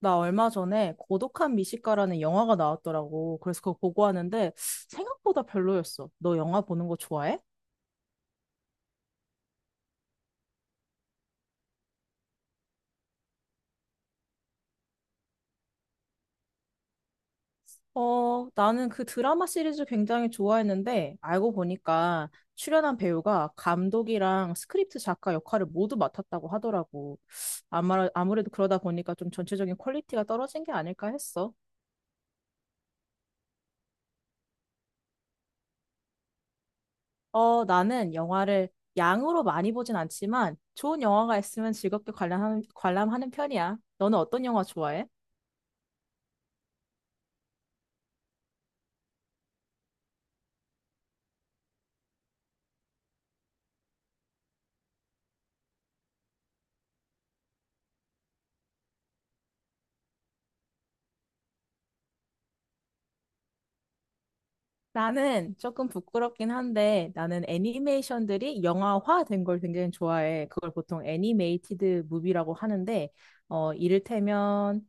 나 얼마 전에 고독한 미식가라는 영화가 나왔더라고. 그래서 그거 보고 하는데 생각보다 별로였어. 너 영화 보는 거 좋아해? 어, 나는 그 드라마 시리즈 굉장히 좋아했는데 알고 보니까 출연한 배우가 감독이랑 스크립트 작가 역할을 모두 맡았다고 하더라고. 아마, 아무래도 그러다 보니까 좀 전체적인 퀄리티가 떨어진 게 아닐까 했어. 어, 나는 영화를 양으로 많이 보진 않지만 좋은 영화가 있으면 즐겁게 관람하는 편이야. 너는 어떤 영화 좋아해? 나는 조금 부끄럽긴 한데 나는 애니메이션들이 영화화 된 걸 굉장히 좋아해. 그걸 보통 애니메이티드 무비라고 하는데 이를테면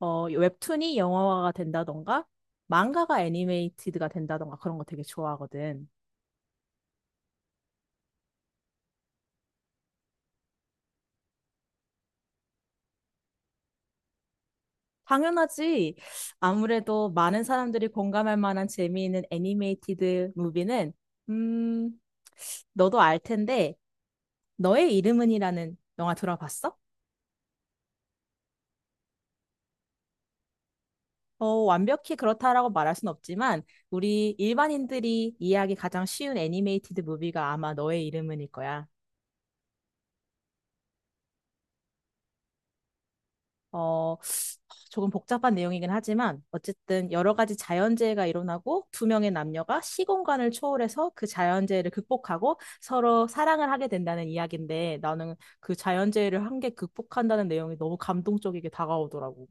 웹툰이 영화화가 된다던가 망가가 애니메이티드가 된다던가 그런 거 되게 좋아하거든. 당연하지. 아무래도 많은 사람들이 공감할 만한 재미있는 애니메이티드 무비는 음 너도 알 텐데 너의 이름은이라는 영화 들어봤어? 어, 완벽히 그렇다라고 말할 순 없지만 우리 일반인들이 이해하기 가장 쉬운 애니메이티드 무비가 아마 너의 이름은일 거야. 어, 조금 복잡한 내용이긴 하지만 어쨌든 여러 가지 자연재해가 일어나고 두 명의 남녀가 시공간을 초월해서 그 자연재해를 극복하고 서로 사랑을 하게 된다는 이야기인데 나는 그 자연재해를 한 개 극복한다는 내용이 너무 감동적이게 다가오더라고.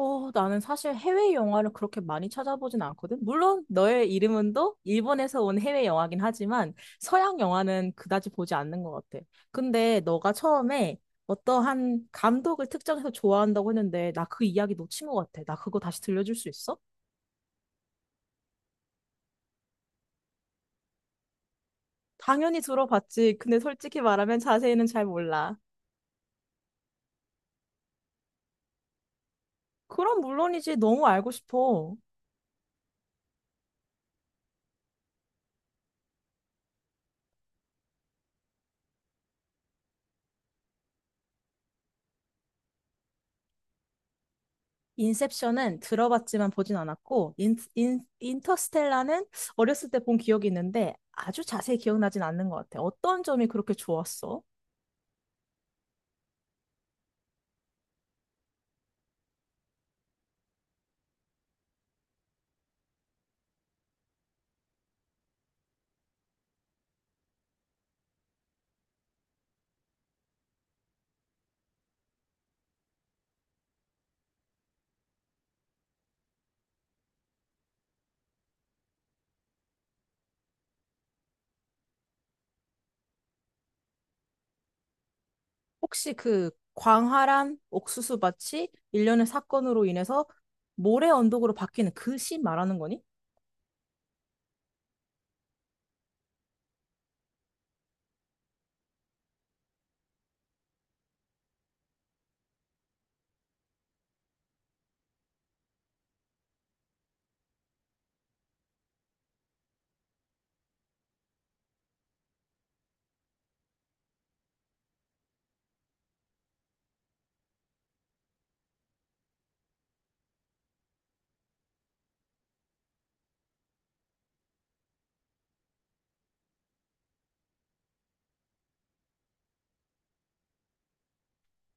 어, 나는 사실 해외 영화를 그렇게 많이 찾아보진 않거든. 물론 너의 이름은도 일본에서 온 해외 영화긴 하지만 서양 영화는 그다지 보지 않는 것 같아. 근데 너가 처음에 어떠한 감독을 특정해서 좋아한다고 했는데 나 그 이야기 놓친 것 같아. 나 그거 다시 들려줄 수 있어? 당연히 들어봤지. 근데 솔직히 말하면 자세히는 잘 몰라. 그럼 물론이지. 너무 알고 싶어. 인셉션은 들어봤지만 보진 않았고, 인터스텔라는 어렸을 때 본 기억이 있는데 아주 자세히 기억나진 않는 것 같아. 어떤 점이 그렇게 좋았어? 혹시 그 광활한 옥수수밭이 일련의 사건으로 인해서 모래 언덕으로 바뀌는 그 씬 말하는 거니?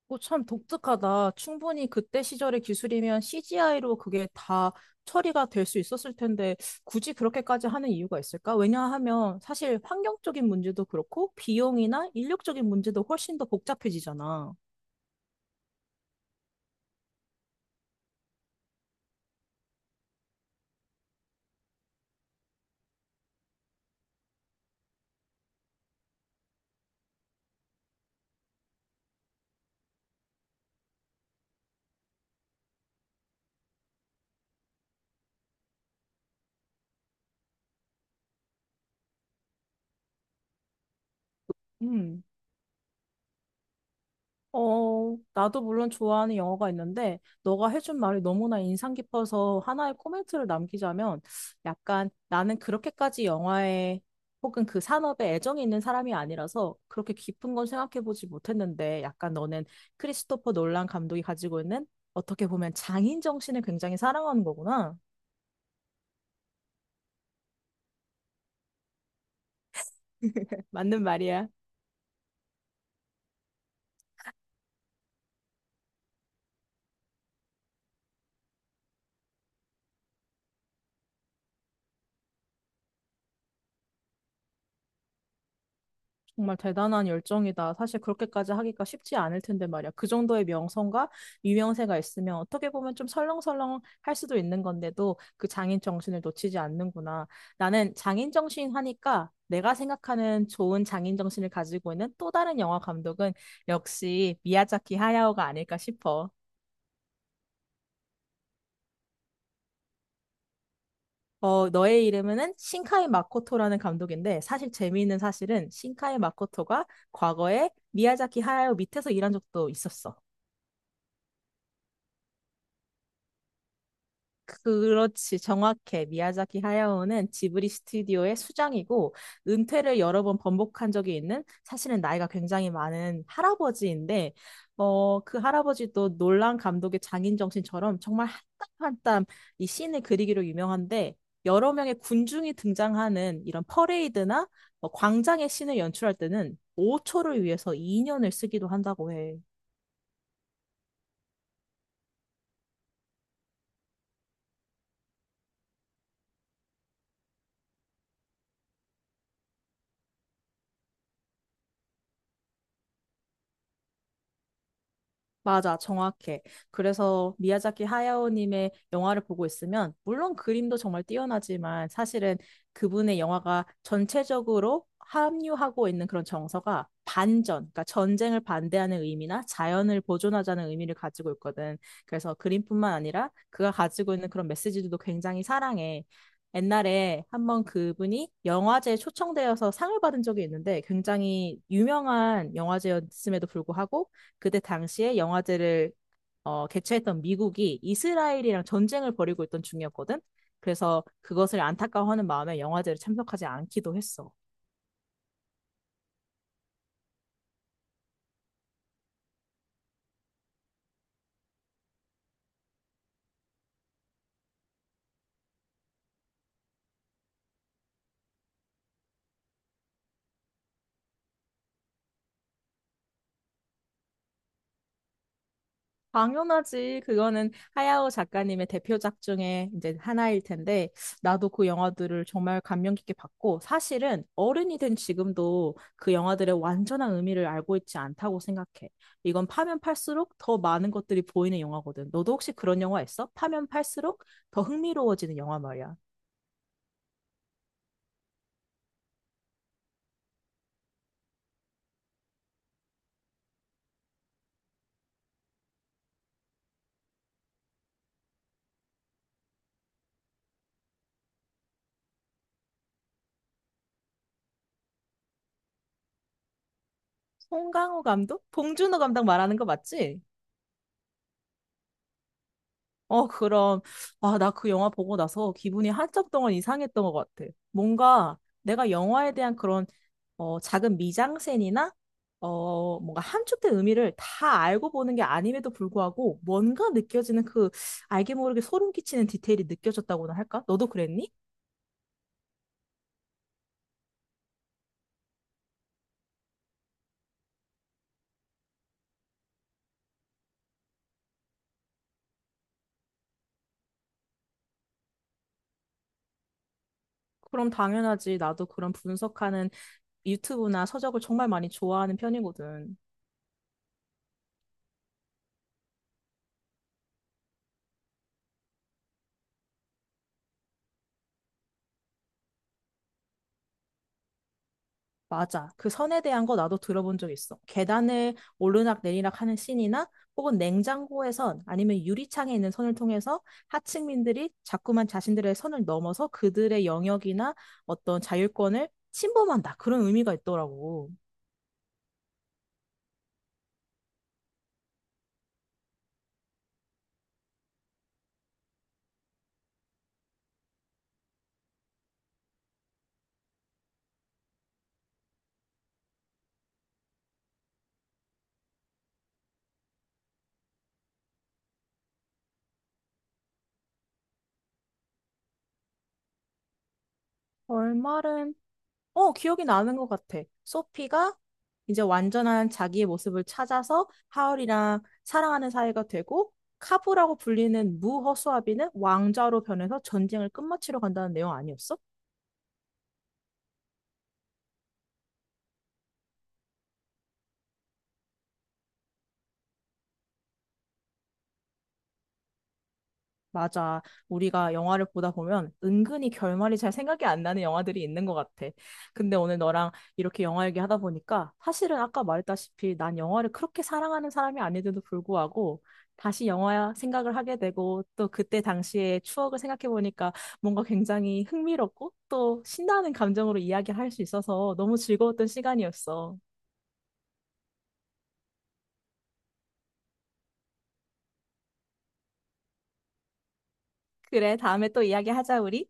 오, 참 독특하다. 충분히 그때 시절의 기술이면 CGI로 그게 다 처리가 될 수 있었을 텐데 굳이 그렇게까지 하는 이유가 있을까? 왜냐하면 사실 환경적인 문제도 그렇고 비용이나 인력적인 문제도 훨씬 더 복잡해지잖아. 음. 어, 나도 물론 좋아하는 영화가 있는데, 너가 해준 말이 너무나 인상 깊어서 하나의 코멘트를 남기자면, 약간 나는 그렇게까지 영화에 혹은 그 산업에 애정이 있는 사람이 아니라서 그렇게 깊은 건 생각해보지 못했는데, 약간 너는 크리스토퍼 놀란 감독이 가지고 있는 어떻게 보면 장인 정신을 굉장히 사랑하는 거구나. 맞는 말이야. 정말 대단한 열정이다. 사실 그렇게까지 하기가 쉽지 않을 텐데 말이야. 그 정도의 명성과 유명세가 있으면 어떻게 보면 좀 설렁설렁 할 수도 있는 건데도 그 장인 정신을 놓치지 않는구나. 나는 장인 정신 하니까 내가 생각하는 좋은 장인 정신을 가지고 있는 또 다른 영화 감독은 역시 미야자키 하야오가 아닐까 싶어. 어, 너의 이름은 신카이 마코토라는 감독인데 사실 재미있는 사실은 신카이 마코토가 과거에 미야자키 하야오 밑에서 일한 적도 있었어. 그렇지, 정확해. 미야자키 하야오는 지브리 스튜디오의 수장이고 은퇴를 여러 번 번복한 적이 있는 사실은 나이가 굉장히 많은 할아버지인데 어, 그 할아버지도 놀란 감독의 장인 정신처럼 정말 한땀 한땀 이 씬을 그리기로 유명한데 여러 명의 군중이 등장하는 이런 퍼레이드나 광장의 씬을 연출할 때는 5초를 위해서 2년을 쓰기도 한다고 해. 맞아, 정확해. 그래서 미야자키 하야오님의 영화를 보고 있으면, 물론 그림도 정말 뛰어나지만, 사실은 그분의 영화가 전체적으로 함유하고 있는 그런 정서가 반전, 그러니까 전쟁을 반대하는 의미나 자연을 보존하자는 의미를 가지고 있거든. 그래서 그림뿐만 아니라 그가 가지고 있는 그런 메시지들도 굉장히 사랑해. 옛날에 한번 그분이 영화제에 초청되어서 상을 받은 적이 있는데 굉장히 유명한 영화제였음에도 불구하고 그때 당시에 영화제를 개최했던 미국이 이스라엘이랑 전쟁을 벌이고 있던 중이었거든. 그래서 그것을 안타까워하는 마음에 영화제를 참석하지 않기도 했어. 당연하지. 그거는 하야오 작가님의 대표작 중에 이제 하나일 텐데, 나도 그 영화들을 정말 감명 깊게 봤고, 사실은 어른이 된 지금도 그 영화들의 완전한 의미를 알고 있지 않다고 생각해. 이건 파면 팔수록 더 많은 것들이 보이는 영화거든. 너도 혹시 그런 영화 있어? 파면 팔수록 더 흥미로워지는 영화 말이야. 송강호 감독? 봉준호 감독 말하는 거 맞지? 어, 그럼, 아, 나 그 영화 보고 나서 기분이 한참 동안 이상했던 것 같아. 뭔가 내가 영화에 대한 그런, 작은 미장센이나, 뭔가 함축된 의미를 다 알고 보는 게 아님에도 불구하고 뭔가 느껴지는 그 알게 모르게 소름 끼치는 디테일이 느껴졌다고나 할까? 너도 그랬니? 그럼 당연하지. 나도 그런 분석하는 유튜브나 서적을 정말 많이 좋아하는 편이거든. 맞아. 그 선에 대한 거 나도 들어본 적 있어. 계단을 오르락 내리락 하는 씬이나 혹은 냉장고에선 아니면 유리창에 있는 선을 통해서 하층민들이 자꾸만 자신들의 선을 넘어서 그들의 영역이나 어떤 자율권을 침범한다. 그런 의미가 있더라고. 얼말은 기억이 나는 것 같아. 소피가 이제 완전한 자기의 모습을 찾아서 하울이랑 사랑하는 사이가 되고, 카부라고 불리는 무허수아비는 왕자로 변해서 전쟁을 끝마치러 간다는 내용 아니었어? 맞아. 우리가 영화를 보다 보면 은근히 결말이 잘 생각이 안 나는 영화들이 있는 것 같아. 근데 오늘 너랑 이렇게 영화 얘기하다 보니까 사실은 아까 말했다시피 난 영화를 그렇게 사랑하는 사람이 아닌데도 불구하고 다시 영화 생각을 하게 되고 또 그때 당시의 추억을 생각해 보니까 뭔가 굉장히 흥미롭고 또 신나는 감정으로 이야기할 수 있어서 너무 즐거웠던 시간이었어. 그래, 다음에 또 이야기하자, 우리.